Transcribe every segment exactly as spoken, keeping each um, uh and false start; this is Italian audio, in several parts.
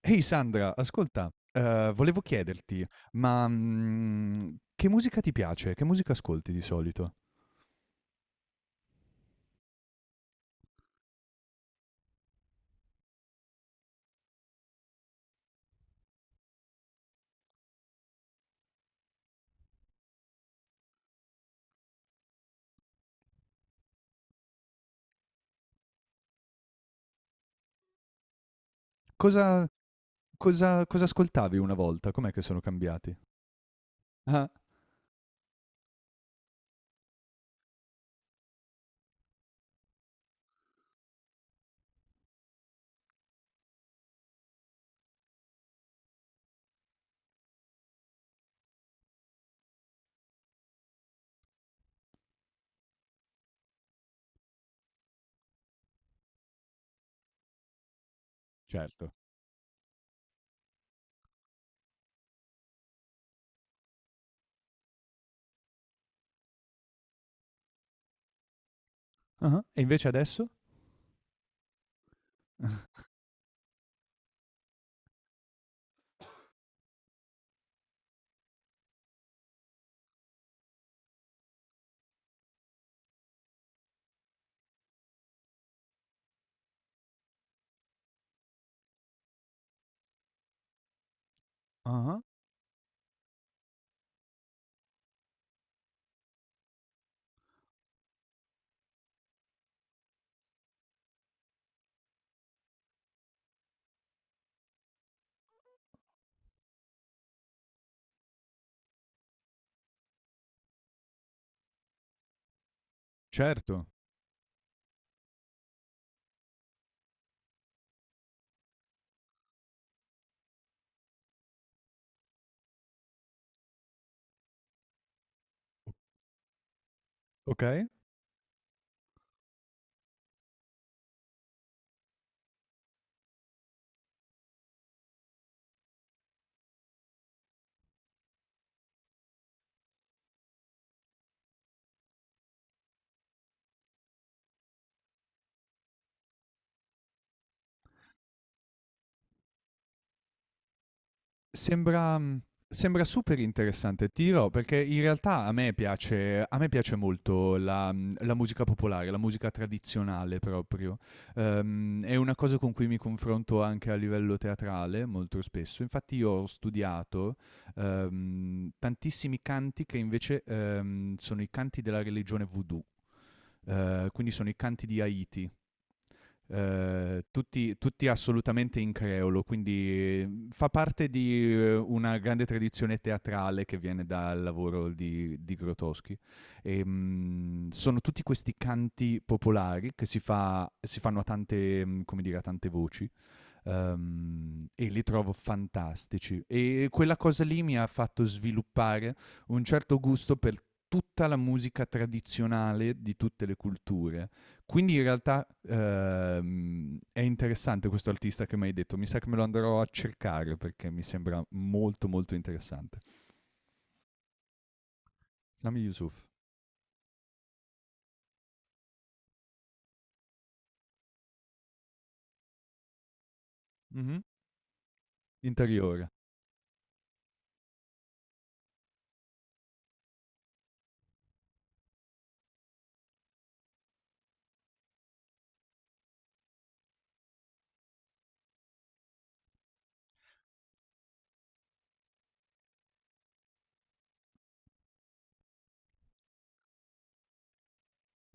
Ehi Sandra, ascolta, ehm, volevo chiederti, ma, mhmm, che musica ti piace? Che musica ascolti di solito? Cosa cosa cosa ascoltavi una volta? Com'è che sono cambiati? Ah. Certo. Ah-ah. E invece adesso? Ah-ah. Certo, okay. Sembra mhmm, sembra super interessante. Ti dirò, perché in realtà a me piace a me piace molto la mhmm, la musica popolare, la musica tradizionale proprio. Ehm, è una cosa con cui mi confronto anche a livello teatrale molto spesso. Infatti io ho studiato, ehm, tantissimi canti che invece, ehm, sono i canti della religione voodoo, ehm, quindi sono i canti di Haiti. Eh, tutti, tutti assolutamente in creolo, quindi eh, fa parte di eh, una grande tradizione teatrale che viene dal lavoro di, di Grotowski. E, mm, sono tutti questi canti popolari che si, fa- si fanno a tante, mm, come dire, a tante voci. Ehm, e li trovo fantastici. E quella cosa lì mi ha fatto sviluppare un certo gusto per tutta la musica tradizionale di tutte le culture. Quindi in realtà, ehm, è interessante questo artista che mi hai detto, mi sa che me lo andrò a cercare perché mi sembra molto, molto interessante. Sami Yusuf. Mh-mh. Interiore.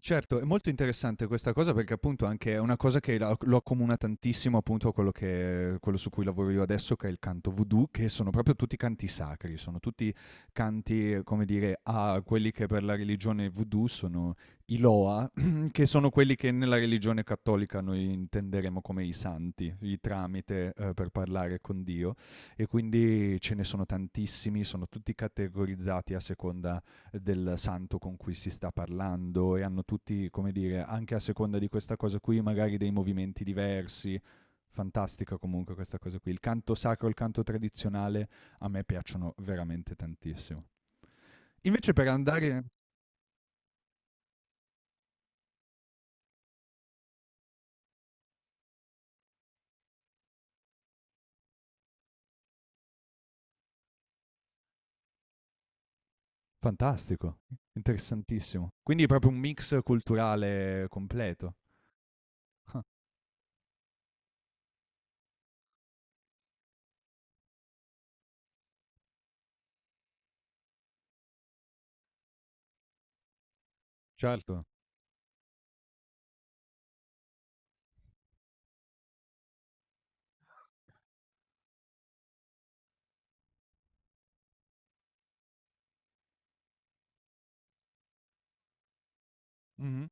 Certo, è molto interessante questa cosa perché appunto anche è una cosa che la lo accomuna tantissimo appunto a quello che quello su cui lavoro io adesso, che è il canto voodoo, che sono proprio tutti canti sacri, sono tutti canti, eh, come dire, a quelli che per la religione voodoo sono i loa, che sono quelli che nella religione cattolica noi intenderemo come i santi, i tramite, ehm, per parlare con Dio e quindi ce ne sono tantissimi, sono tutti categorizzati a seconda del santo con cui si sta parlando e hanno tutti, come dire, anche a seconda di questa cosa qui, magari dei movimenti diversi. Fantastica comunque questa cosa qui. Il canto sacro e il canto tradizionale a me piacciono veramente tantissimo. Invece per andare... Fantastico, interessantissimo. Quindi è proprio un mix culturale completo. Ah, certo. Mhm.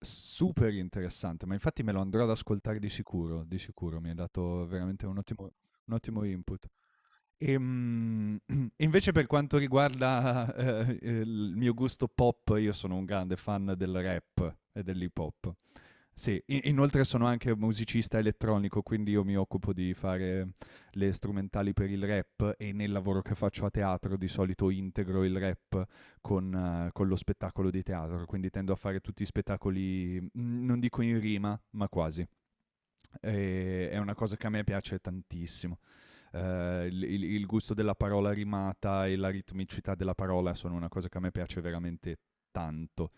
Super interessante, ma infatti me lo andrò ad ascoltare di sicuro, di sicuro, mi hai dato veramente un ottimo, un ottimo input. Ehm, invece per quanto riguarda, ehm, il mio gusto pop, io sono un grande fan del rap e dell'hip hop. Sì, i inoltre sono anche musicista elettronico, quindi io mi occupo di fare le strumentali per il rap e nel lavoro che faccio a teatro di solito integro il rap con eh, con lo spettacolo di teatro, quindi tendo a fare tutti i spettacoli, mhmm, non dico in rima, ma quasi. Ehm, è una cosa che a me piace tantissimo eh, il, il- il gusto della parola rimata e la ritmicità della parola sono una cosa che a me piace veramente tanto.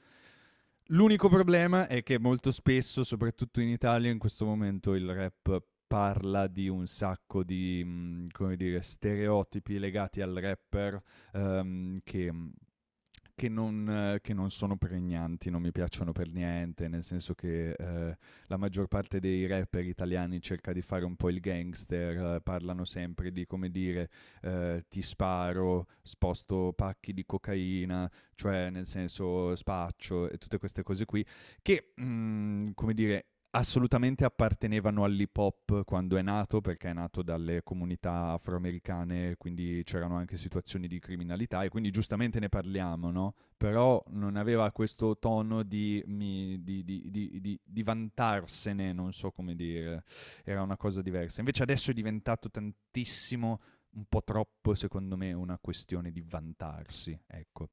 L'unico problema è che molto spesso, soprattutto in Italia, in questo momento il rap parla di un sacco di, mhmm, come dire, stereotipi legati al rapper, ehm, che mhmm, che non che non sono pregnanti, non mi piacciono per niente, nel senso che, ehm, la maggior parte dei rapper italiani cerca di fare un po' il gangster, eh, parlano sempre di, come dire, ehm: "Ti sparo, sposto pacchi di cocaina", cioè nel senso spaccio e tutte queste cose qui, che, mm, come dire, assolutamente appartenevano all'hip hop quando è nato, perché è nato dalle comunità afroamericane, quindi c'erano anche situazioni di criminalità e quindi giustamente ne parliamo, no? Però non aveva questo tono di, mi- di- di- di- di- di vantarsene, non so come dire, era una cosa diversa. Invece adesso è diventato tantissimo, un po' troppo secondo me, una questione di vantarsi, ecco.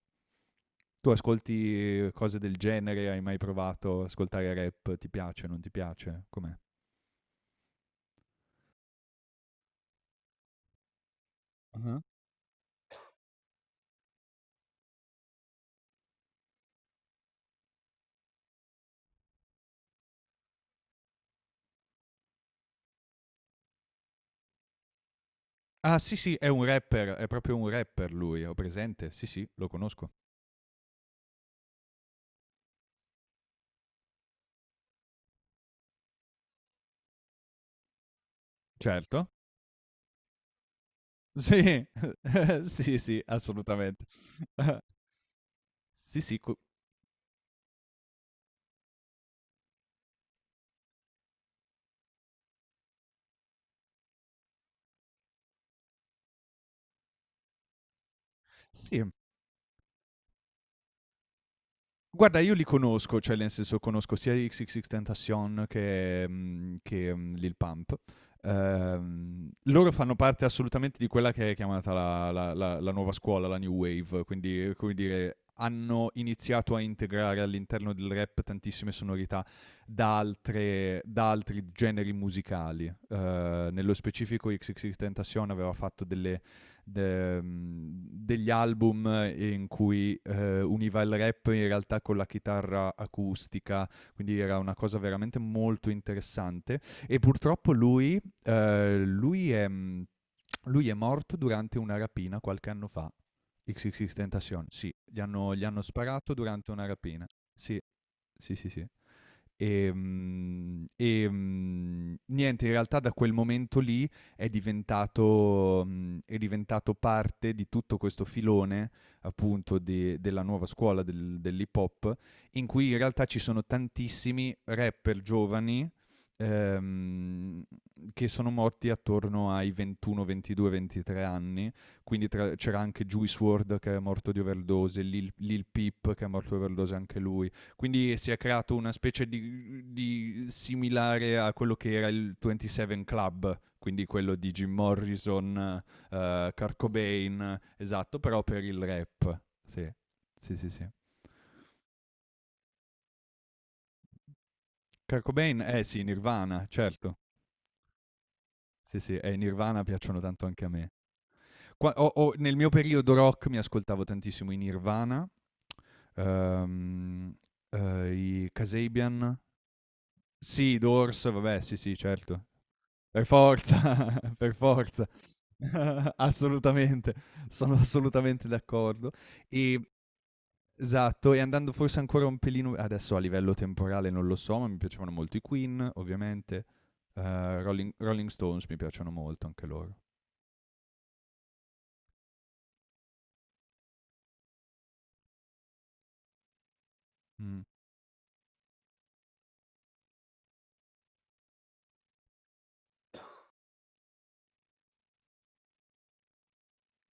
Tu ascolti cose del genere? Hai mai provato ad ascoltare rap? Ti piace, non ti piace? Com'è? Ah-ah. Ah, sì, sì, è un rapper, è proprio un rapper lui, ho presente? Sì, sì, lo conosco. Certo. Sì, sì, sì, assolutamente. Sì, sì, co- sì. Guarda, io li conosco, cioè nel senso conosco sia XXXTentacion che mhmm, che, mhmm, Lil Pump. Ehm, loro fanno parte assolutamente di quella che è chiamata la la la la nuova scuola, la new wave, quindi come dire, hanno iniziato a integrare all'interno del rap tantissime sonorità da altre da altri generi musicali. Ehm, nello specifico XXXTentacion aveva fatto delle de- mm, degli album in cui eh, univa il rap in realtà con la chitarra acustica, quindi era una cosa veramente molto interessante. E purtroppo lui, eh, lui è, mm, lui è morto durante una rapina qualche anno fa. X X X Tentacion, sì, gli hanno, gli hanno sparato durante una rapina. Sì, sì, sì, sì. E, mm, e, mm, niente, in realtà da quel momento lì è diventato, mh, è diventato parte di tutto questo filone appunto de- della nuova scuola del- dell'hip hop, in cui in realtà ci sono tantissimi rapper giovani ehm, che sono morti attorno ai ventuno, ventidue, ventitré anni. Quindi tra- c'era anche Juice world che è morto di overdose, Lil, Lil Peep che è morto di overdose anche lui. Quindi si è creato una specie di, di similare a quello che era il ventisette Club, quindi quello di Jim Morrison, eh, Kurt Cobain, esatto, però per il rap. Sì, sì, sì, sì. Kurt Cobain, eh sì, Nirvana, certo. Sì, sì, e i Nirvana piacciono tanto anche a me. Qua- o- o Nel mio periodo rock mi ascoltavo tantissimo i Nirvana, ehm, eh, i Kasabian, sì, i Doors, vabbè, sì, sì, certo. Per forza, per forza. Assolutamente, sono assolutamente d'accordo. Ehm, esatto, e andando forse ancora un pelino adesso a livello temporale non lo so, ma mi piacevano molto i Queen, ovviamente, ehm, Rolling Rolling Stones mi piacciono molto anche loro. Mh,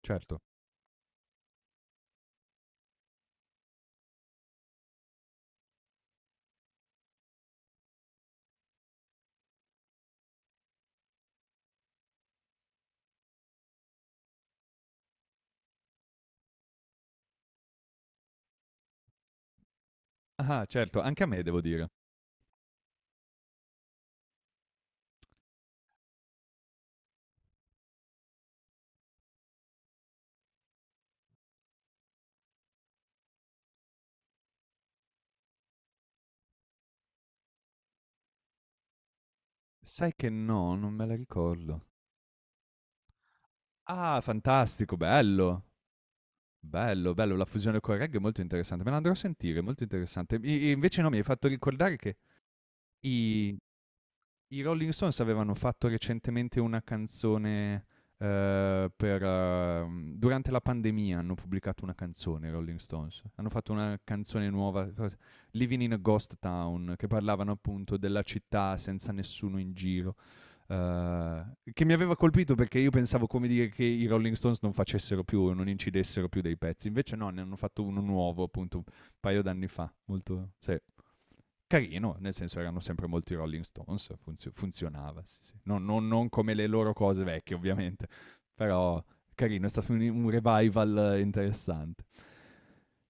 certo. Ah-ah, certo, anche a me devo dire. Sai che no, non me la ricordo. Ah, fantastico, bello. Bello, bello, la fusione col reggae è molto interessante, me la andrò a sentire, molto interessante. I invece no, mi hai fatto ricordare che I i Rolling Stones avevano fatto recentemente una canzone, ehm, per mhmm, durante la pandemia hanno pubblicato una canzone i Rolling Stones. Hanno fatto una canzone nuova, cos "Living in a Ghost Town", che parlavano appunto della città senza nessuno in giro, ehm, che mi aveva colpito perché io pensavo, come dire, che i Rolling Stones non facessero più non incidessero più dei pezzi, invece no, ne hanno fatto uno nuovo appunto un paio d'anni fa, molto sì carino, nel senso erano sempre molti Rolling Stones, funzio- funzionava, sì, sì. Non, non- non come le loro cose vecchie ovviamente, però carino, è stato un, un revival eh, interessante.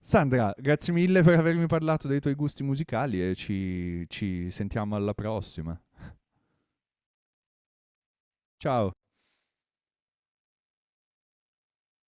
Sandra, grazie mille per avermi parlato dei tuoi gusti musicali e ci, ci sentiamo alla prossima. Ciao!